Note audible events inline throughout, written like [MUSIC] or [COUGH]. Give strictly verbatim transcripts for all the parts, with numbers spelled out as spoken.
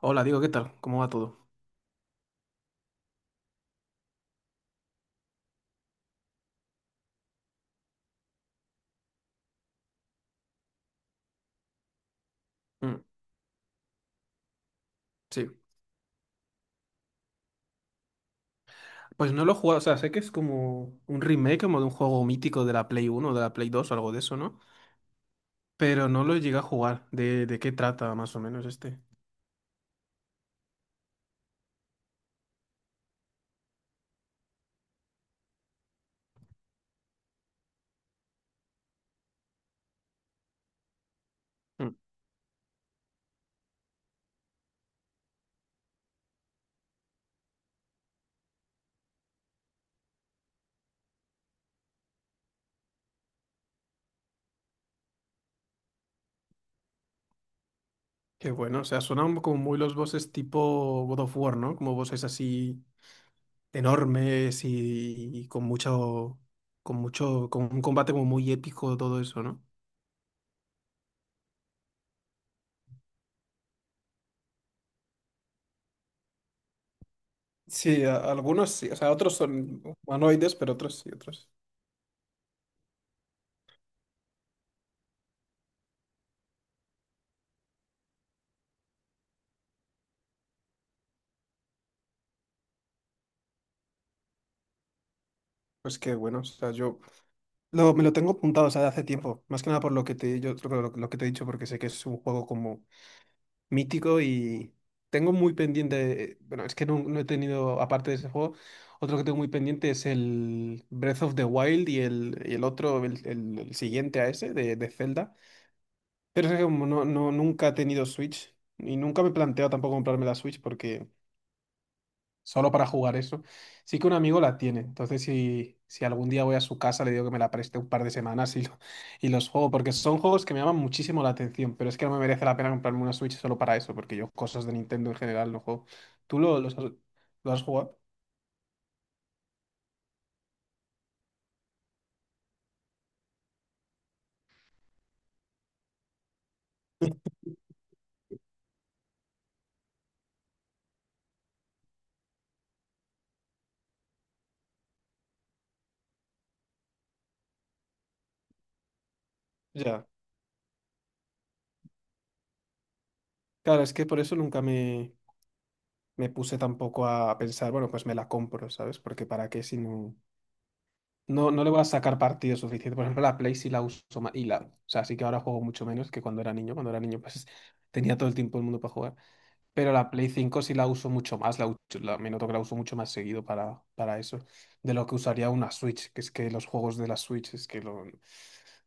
Hola, digo, ¿qué tal? ¿Cómo va todo? Mm, sí. Pues no lo he jugado, o sea, sé que es como un remake como de un juego mítico de la Play Uno, o de la Play Dos, o algo de eso, ¿no? Pero no lo llegué a jugar. ¿De, de qué trata más o menos este? Mm. Qué bueno, o sea, suenan como muy los bosses tipo God of War, ¿no? Como bosses así enormes y, y con mucho, con mucho, con un combate como muy épico, todo eso, ¿no? Sí, a- algunos sí, o sea, otros son humanoides, pero otros sí, otros. Pues qué bueno, o sea, yo Lo, me lo tengo apuntado, o sea, de hace tiempo. Más que nada por lo que te, yo, lo, lo- lo que te he dicho, porque sé que es un juego como mítico y tengo muy pendiente. eh, Bueno, es que no, no he tenido, aparte de ese juego, otro que tengo muy pendiente es el Breath of the Wild y el, y el otro, el, el- el siguiente a ese, de, de Zelda. Pero es que como no, no, nunca he tenido Switch y nunca me he planteado tampoco comprarme la Switch porque solo para jugar eso. Sí que un amigo la tiene, entonces si, si algún día voy a su casa le digo que me la preste un par de semanas y, lo- y los juego, porque son juegos que me llaman muchísimo la atención, pero es que no me merece la pena comprarme una Switch solo para eso, porque yo cosas de Nintendo en general no juego. ¿Tú lo, los has, lo has jugado? Ya. Claro, es que por eso nunca me, me puse tampoco a pensar, bueno, pues me la compro, ¿sabes? Porque para qué si no. No, no le voy a sacar partido suficiente. Por ejemplo, la Play sí la uso más. Y la, o sea, sí que ahora juego mucho menos que cuando era niño. Cuando era niño, pues [LAUGHS] tenía todo el tiempo del mundo para jugar. Pero la Play cinco sí la uso mucho más. La, uso- la- me noto que la uso mucho más seguido para, para eso. De lo que usaría una Switch. Que es que los juegos de la Switch es que lo,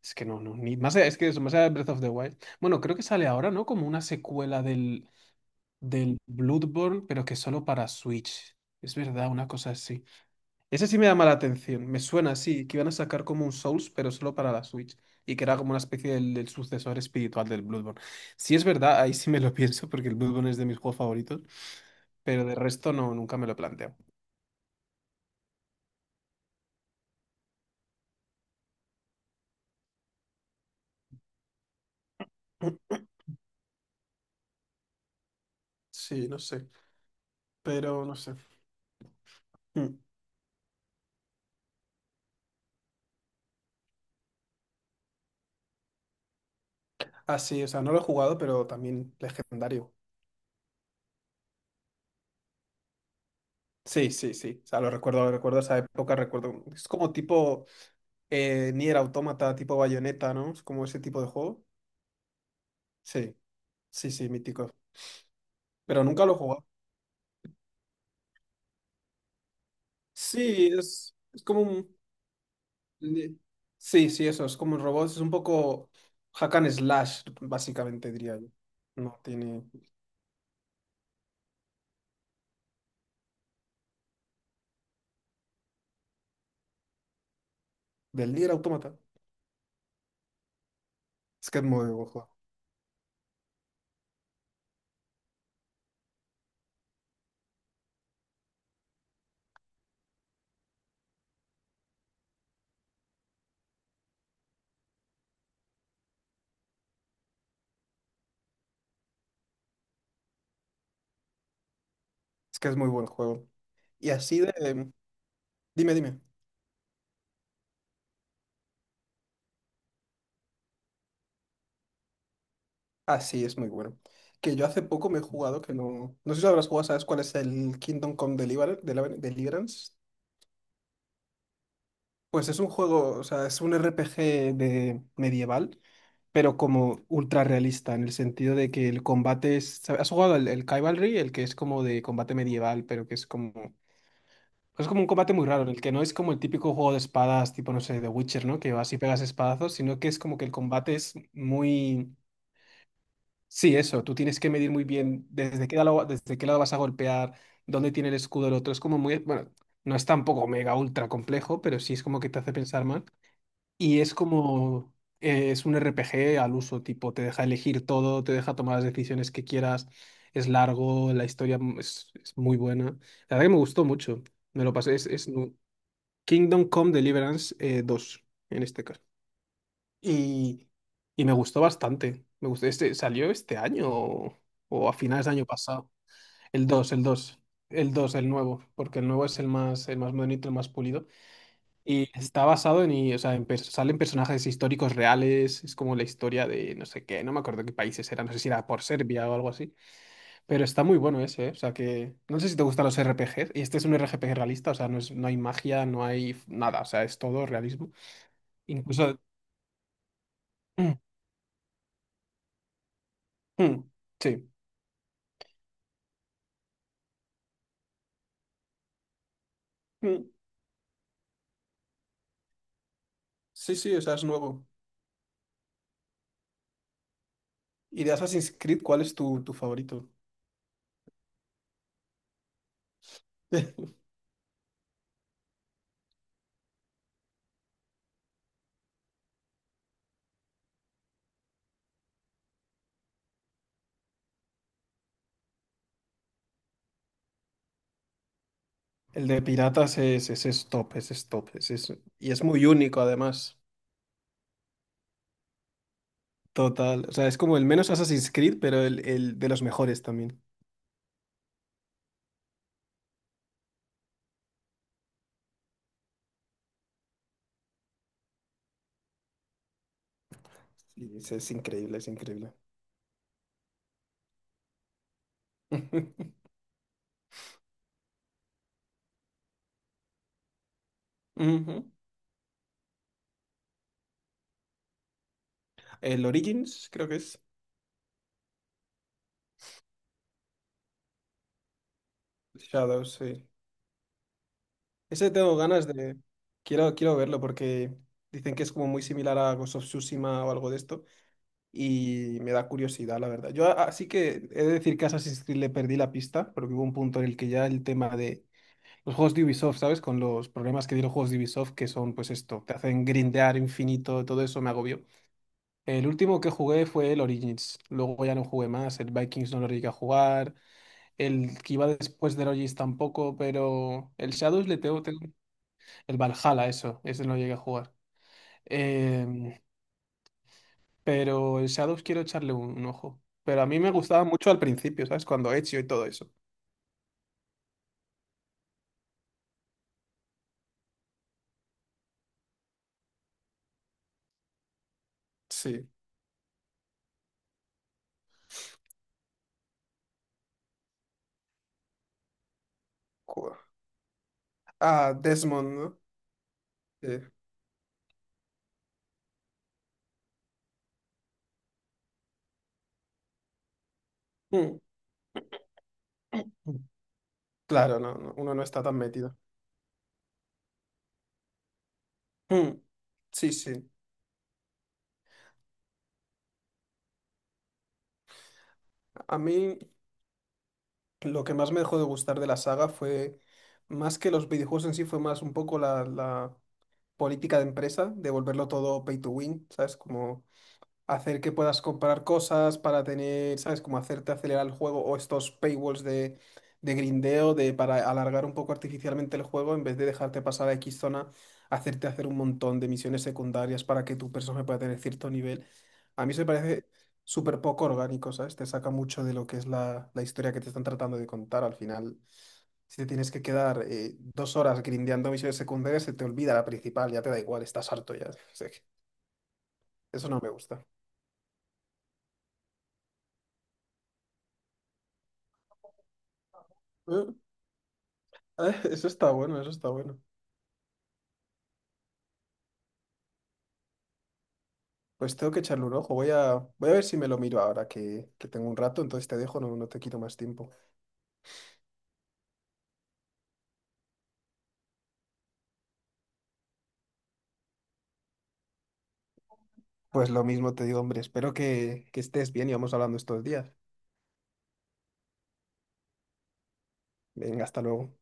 es que no, no. Ni, más allá, es que eso, más allá de Breath of the Wild. Bueno, creo que sale ahora, ¿no? Como una secuela del, del Bloodborne, pero que solo para Switch. Es verdad, una cosa así. Ese sí me llama la atención. Me suena así, que iban a sacar como un Souls, pero solo para la Switch. Y que era como una especie del, del sucesor espiritual del Bloodborne. Si es verdad, ahí sí me lo [LAUGHS] pienso, porque el Bloodborne es de mis juegos favoritos. Pero de resto no, nunca me lo planteo. Mm. [CLEARS THROAT] Sí, no sé. Pero no sé. Mm. Ah, sí, o sea, no lo he jugado, pero también legendario. Sí, sí, sí. O sea, lo recuerdo, lo recuerdo esa época, recuerdo. Es como tipo eh, Nier Automata, tipo Bayonetta, ¿no? Es como ese tipo de juego. Sí, sí, sí, mítico. Pero nunca lo he jugado. Sí, es, es como un... Sí, sí, eso, es como un robot, es un poco hack and slash, básicamente diría yo. No tiene... Del Nier Automata. Es que es muy buen juego. Es que es muy buen juego. Y así de... em, Dime, dime. Ah, sí, es muy bueno. Que yo hace poco me he jugado, que no... No sé si lo habrás jugado, ¿sabes cuál es el Kingdom Come Deliver- Deliver- Deliverance? Pues es un juego, o sea, es un R P G de medieval pero como ultra realista, en el sentido de que el combate es... ¿sabe- ¿Has jugado el, el Cavalry? El que es como de combate medieval, pero que es como... pues. Es como un combate muy raro, en el que no es como el típico juego de espadas, tipo, no sé, de Witcher, ¿no? Que vas y pegas espadazos, sino que es como que el combate es muy... Sí, eso, tú tienes que medir muy bien desde qué lado, desde qué lado vas a golpear, dónde tiene el escudo el otro. Es como muy... Bueno, no es tampoco mega ultra complejo, pero sí es como que te hace pensar más. Y es como, eh, es un R P G al uso, tipo, te deja elegir todo, te deja tomar las decisiones que quieras, es largo, la historia m- es, es muy buena. La verdad que me gustó mucho, me lo pasé, es, es nu- Kingdom Come Deliverance eh, dos, en este caso. Y, y me gustó bastante, me gustó, este, salió este año o, o a finales del año pasado. El dos el dos el dos el nuevo, porque el nuevo es el más, el más, modernito, el más pulido. Y está basado en, y, o sea, en pers- salen personajes históricos reales, es como la historia de no sé qué, no me acuerdo qué países era, no sé si era por Serbia o algo así, pero está muy bueno ese, ¿eh? O sea que no sé si te gustan los R P Gs, y este es un R P G realista, o sea, no es, no hay magia, no hay f- nada, o sea, es todo realismo. Incluso... [CLEARS THROAT] Mm, mm, sí. Mm, sí, sí, o sea, es nuevo. ¿Y de Assassin's Creed cuál es tu, tu favorito? [LAUGHS] El de piratas es, es, es top, es es top, es, es- y es muy único además. Total. O sea, es como el menos Assassin's Creed, pero el, el de los mejores también. Sí, es, es increíble, es increíble. [LAUGHS] Ujú. El Origins, creo que es. Shadows, sí. Ese tengo ganas de... Quiero, quiero verlo porque dicen que es como muy similar a Ghost of Tsushima o algo de esto. Y me da curiosidad, la verdad. Yo a- así que he de decir que a Assassin's Creed le perdí la pista, porque hubo un punto en el que ya el tema de los juegos de Ubisoft, ¿sabes? Con los problemas que dieron juegos de Ubisoft, que son pues esto, te hacen grindear infinito, todo eso me agobió. El último que jugué fue el Origins. Luego ya no jugué más. El Vikings no lo llegué a jugar. El que iba después del Origins tampoco, pero el Shadows le tengo, tengo... El Valhalla, eso. Ese no lo llegué a jugar. Em, pero el Shadows quiero echarle un, un ojo. Pero a mí me gustaba mucho al principio, ¿sabes? Cuando Ezio y todo eso. Sí. Cu- Ah, Desmond, ¿no? Sí. Mm, mm. Claro, no, no, uno no está tan metido. Mm, sí, sí. A mí. Lo que más me dejó de gustar de la saga fue, más que los videojuegos en sí, fue más un poco la, la política de empresa, de volverlo todo pay to win, ¿sabes? Como hacer que puedas comprar cosas para tener, ¿sabes? Como hacerte acelerar el juego o estos paywalls de, de, grindeo de, para alargar un poco artificialmente el juego en vez de dejarte pasar a X zona, hacerte hacer un montón de misiones secundarias para que tu personaje pueda tener cierto nivel. A mí se me parece súper poco orgánico, ¿sabes? Te saca mucho de lo que es la, la historia que te están tratando de contar. Al final, si te tienes que quedar eh, dos horas grindeando misiones secundarias, se te olvida la principal, ya te da igual, estás harto ya. [LAUGHS] O sea que eso no me gusta. Ah, [LAUGHS] eso está bueno, eso está bueno. Pues tengo que echarle un ojo. Voy a, voy a ver si me lo miro ahora que, que tengo un rato, entonces te dejo, no, no te quito más tiempo. Pues lo mismo te digo, hombre, espero que, que estés bien y vamos hablando estos días. Venga, hasta luego.